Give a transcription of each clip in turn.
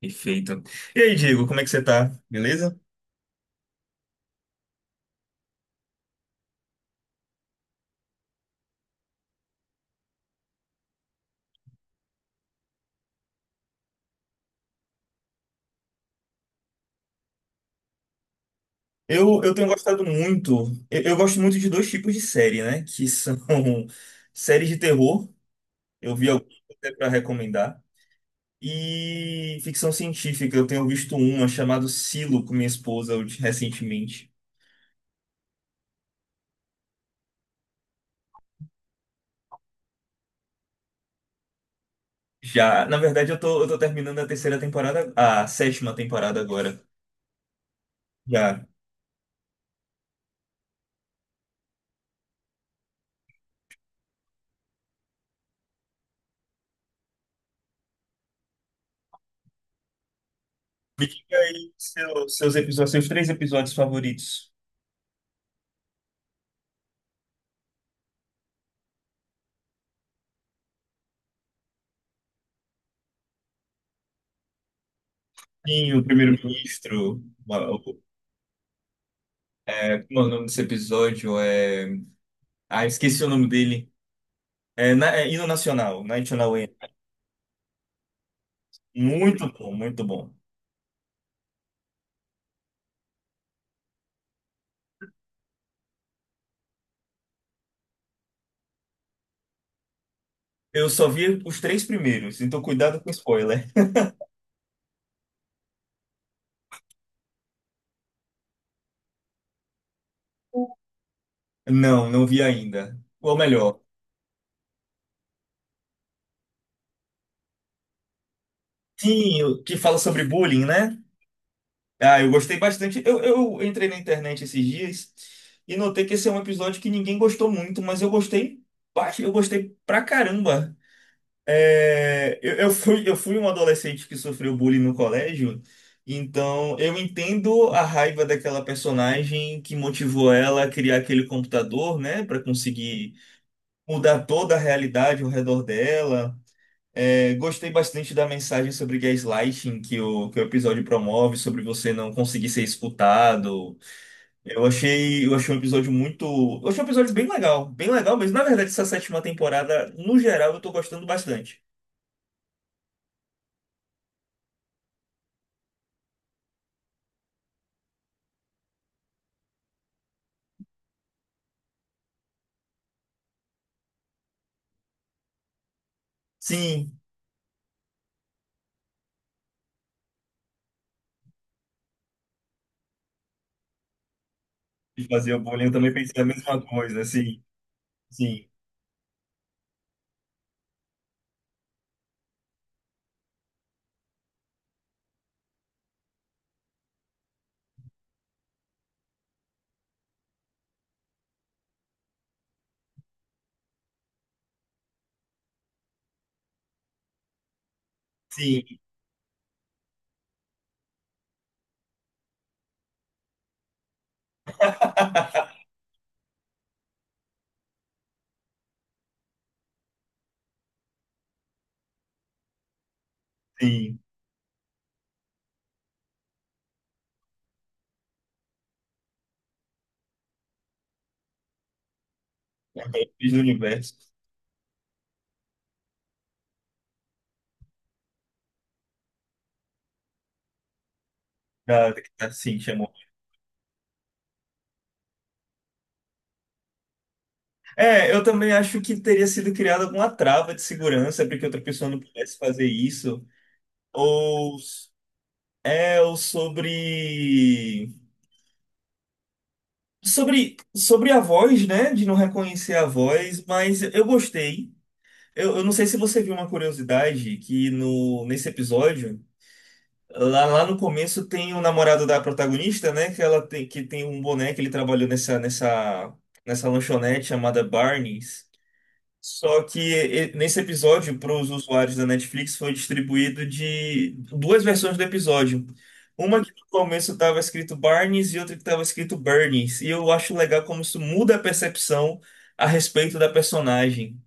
Perfeito. E aí, Diego, como é que você tá? Beleza? Eu tenho gostado muito. Eu gosto muito de dois tipos de série, né? Que são séries de terror. Eu vi algumas até pra recomendar. E ficção científica. Eu tenho visto uma chamada Silo com minha esposa recentemente. Já, na verdade, eu tô terminando a terceira temporada, a sétima temporada agora. Já. Me diga aí seus episódios, seus três episódios favoritos. Sim, o primeiro-ministro, o nome desse episódio é. Ah, esqueci o nome dele. É, é Hino Nacional, National Anthem. Muito bom, muito bom. Eu só vi os três primeiros, então cuidado com spoiler. Não, não vi ainda. Ou melhor, sim, o que fala sobre bullying, né? Ah, eu gostei bastante. Eu entrei na internet esses dias e notei que esse é um episódio que ninguém gostou muito, mas eu gostei, eu gostei pra caramba. É, eu fui um adolescente que sofreu bullying no colégio, então eu entendo a raiva daquela personagem que motivou ela a criar aquele computador, né, para conseguir mudar toda a realidade ao redor dela. É, gostei bastante da mensagem sobre gaslighting que o episódio promove, sobre você não conseguir ser escutado. Eu achei um episódio muito. Eu achei um episódio bem legal mesmo. Na verdade, essa sétima temporada, no geral, eu tô gostando bastante. Sim, de fazer o bullying, eu também pensei a mesma coisa, assim, sim, sim, sim, fiz no universo. Da, sim, chamou. É, eu também acho que teria sido criada alguma trava de segurança para que outra pessoa não pudesse fazer isso. Ou, ou sobre a voz, né? De não reconhecer a voz, mas eu gostei. Eu não sei se você viu uma curiosidade que no, nesse episódio. Lá no começo tem o namorado da protagonista, né? Que ela tem, que tem um boneco, ele trabalhou nessa lanchonete chamada Barney's. Só que nesse episódio, para os usuários da Netflix, foi distribuído de duas versões do episódio. Uma que no começo estava escrito Barney's e outra que estava escrito Bernie's. E eu acho legal como isso muda a percepção a respeito da personagem.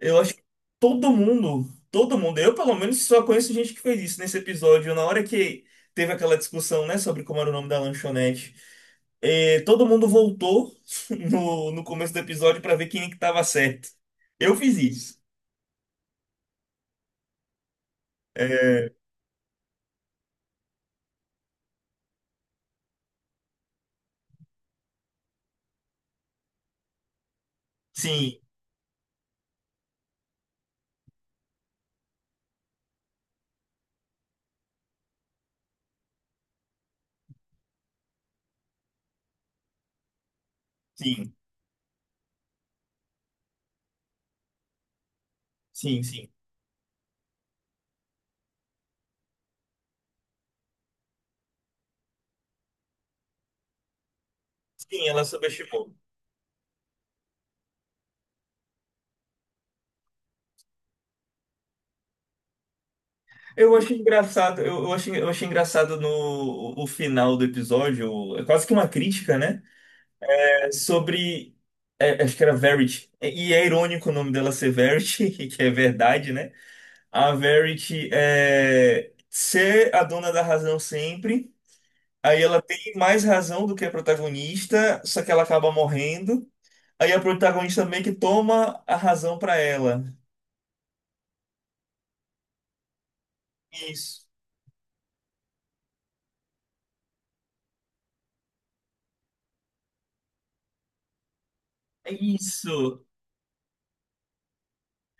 Eu acho que todo mundo, todo mundo, eu pelo menos só conheço gente que fez isso nesse episódio. Na hora que teve aquela discussão, né, sobre como era o nome da lanchonete, todo mundo voltou no começo do episódio para ver quem é que tava certo. Eu fiz isso. É, sim, sim, sim, sim. Sim, ela subestimou. Eu achei engraçado, eu achei engraçado no o final do episódio, é quase que uma crítica, né? Sobre. Acho que era Verity. E é irônico o nome dela ser Verity, que é verdade, né? A Verity é ser a dona da razão sempre. Aí ela tem mais razão do que a protagonista, só que ela acaba morrendo. Aí a protagonista meio que toma a razão pra ela. Isso. É isso.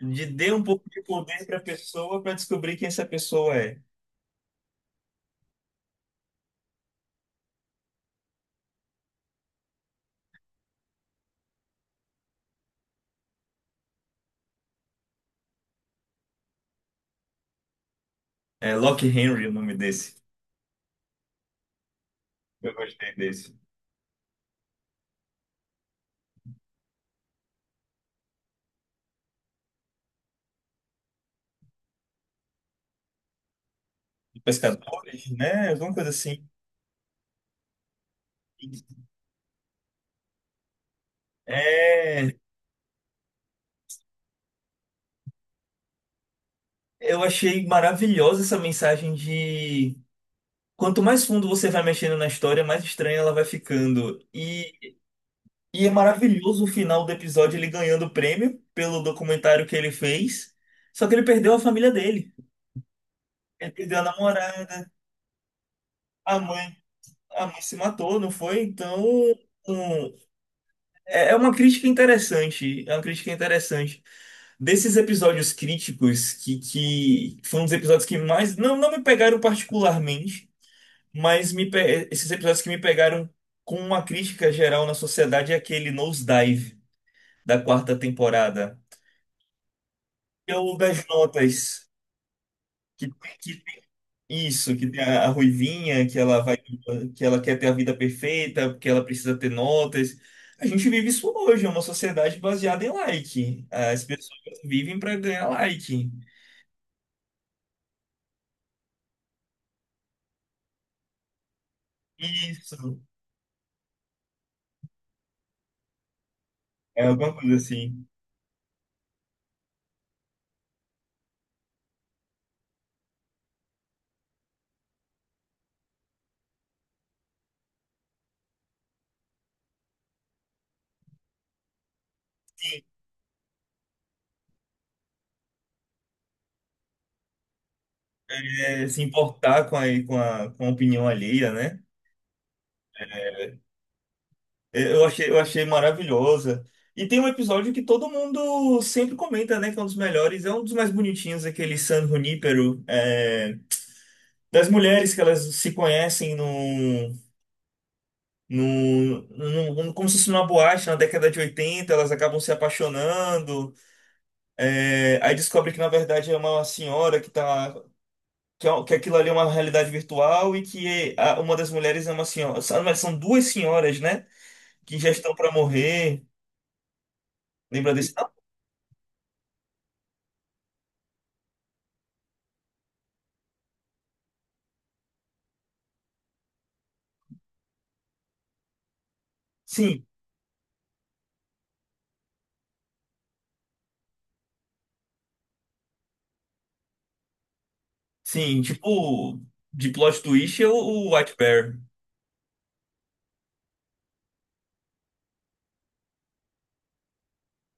De dar um pouco de poder pra pessoa pra descobrir quem essa pessoa é. É Locke Henry o nome desse. Eu gostei desse. Pescadores, né? Alguma coisa assim. É, eu achei maravilhosa essa mensagem de quanto mais fundo você vai mexendo na história, mais estranha ela vai ficando. E é maravilhoso o final do episódio ele ganhando o prêmio pelo documentário que ele fez. Só que ele perdeu a família dele. Ele perdeu a namorada, a mãe, a mãe se matou, não foi? Então, um, é uma crítica interessante, é uma crítica interessante. Desses episódios críticos, que foram os episódios que mais. Não, não me pegaram particularmente, mas esses episódios que me pegaram com uma crítica geral na sociedade é aquele Nosedive da quarta temporada. Que é o das notas, que, que Isso, que tem a Ruivinha, que ela vai, que ela quer ter a vida perfeita, porque ela precisa ter notas. A gente vive isso hoje, é uma sociedade baseada em like. As pessoas vivem para ganhar like. Isso, é alguma coisa assim. Sim, se importar com a opinião alheia, né? É, eu achei maravilhosa. E tem um episódio que todo mundo sempre comenta, né? Que é um dos melhores, é um dos mais bonitinhos, aquele San Junípero, das mulheres que elas se conhecem num como se fosse numa boate na década de 80, elas acabam se apaixonando, aí descobre que na verdade é uma senhora que tá, que aquilo ali é uma realidade virtual e que uma das mulheres é uma senhora, são mas são duas senhoras, né, que já estão pra morrer, lembra desse? Ah, sim, sim, tipo, de plot twist é o White Bear,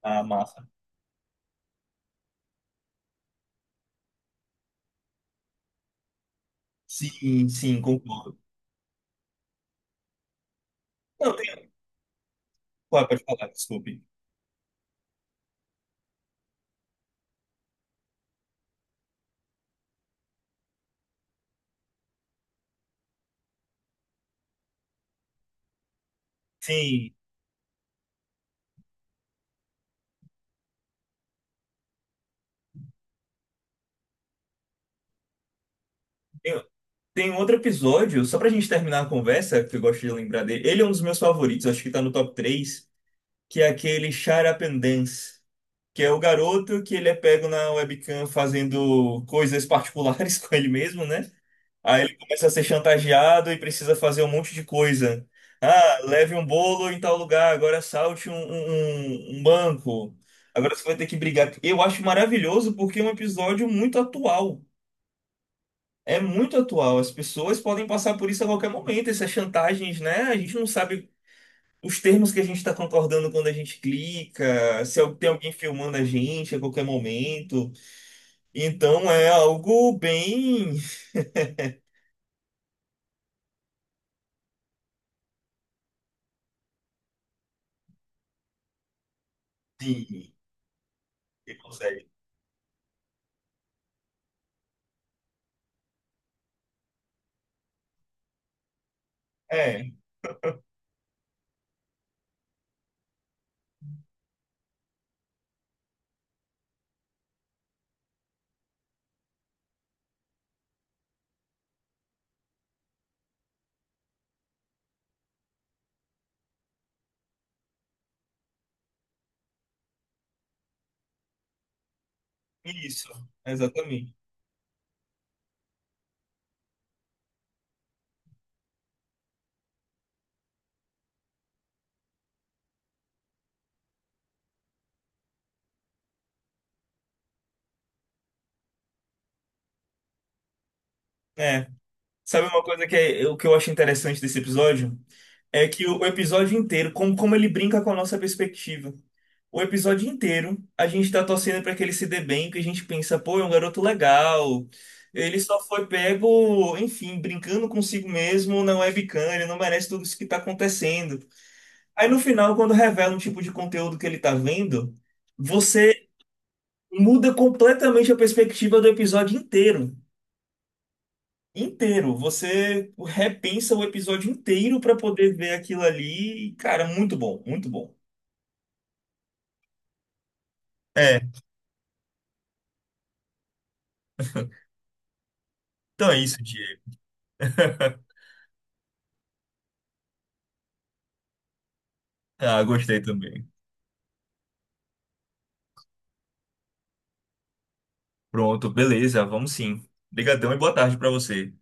a massa. Sim, sim, concordo. Não, tem, pode falar, desculpe. Sim. Tem um outro episódio, só pra gente terminar a conversa, que eu gosto de lembrar dele. Ele é um dos meus favoritos, acho que tá no top 3, que é aquele Shut Up and Dance, que é o garoto que ele é pego na webcam fazendo coisas particulares com ele mesmo, né? Aí ele começa a ser chantageado e precisa fazer um monte de coisa. Ah, leve um bolo em tal lugar, agora salte um, um banco. Agora você vai ter que brigar. Eu acho maravilhoso porque é um episódio muito atual. É muito atual. As pessoas podem passar por isso a qualquer momento, essas chantagens, né? A gente não sabe os termos que a gente está concordando quando a gente clica, se tem alguém filmando a gente a qualquer momento. Então é algo bem. Sim, que consegue. É, isso, exatamente. É. Sabe uma coisa que, o que eu acho interessante desse episódio? É que o episódio inteiro, como ele brinca com a nossa perspectiva. O episódio inteiro, a gente tá torcendo pra que ele se dê bem, que a gente pensa, pô, é um garoto legal. Ele só foi pego, enfim, brincando consigo mesmo, não é bicana, ele não merece tudo isso que tá acontecendo. Aí no final, quando revela um tipo de conteúdo que ele tá vendo, você muda completamente a perspectiva do episódio inteiro. Inteiro. Você repensa o episódio inteiro pra poder ver aquilo ali. E, cara, muito bom, muito bom. É, então é isso, Diego. Ah, gostei também. Pronto, beleza, vamos sim. Obrigadão e boa tarde pra você.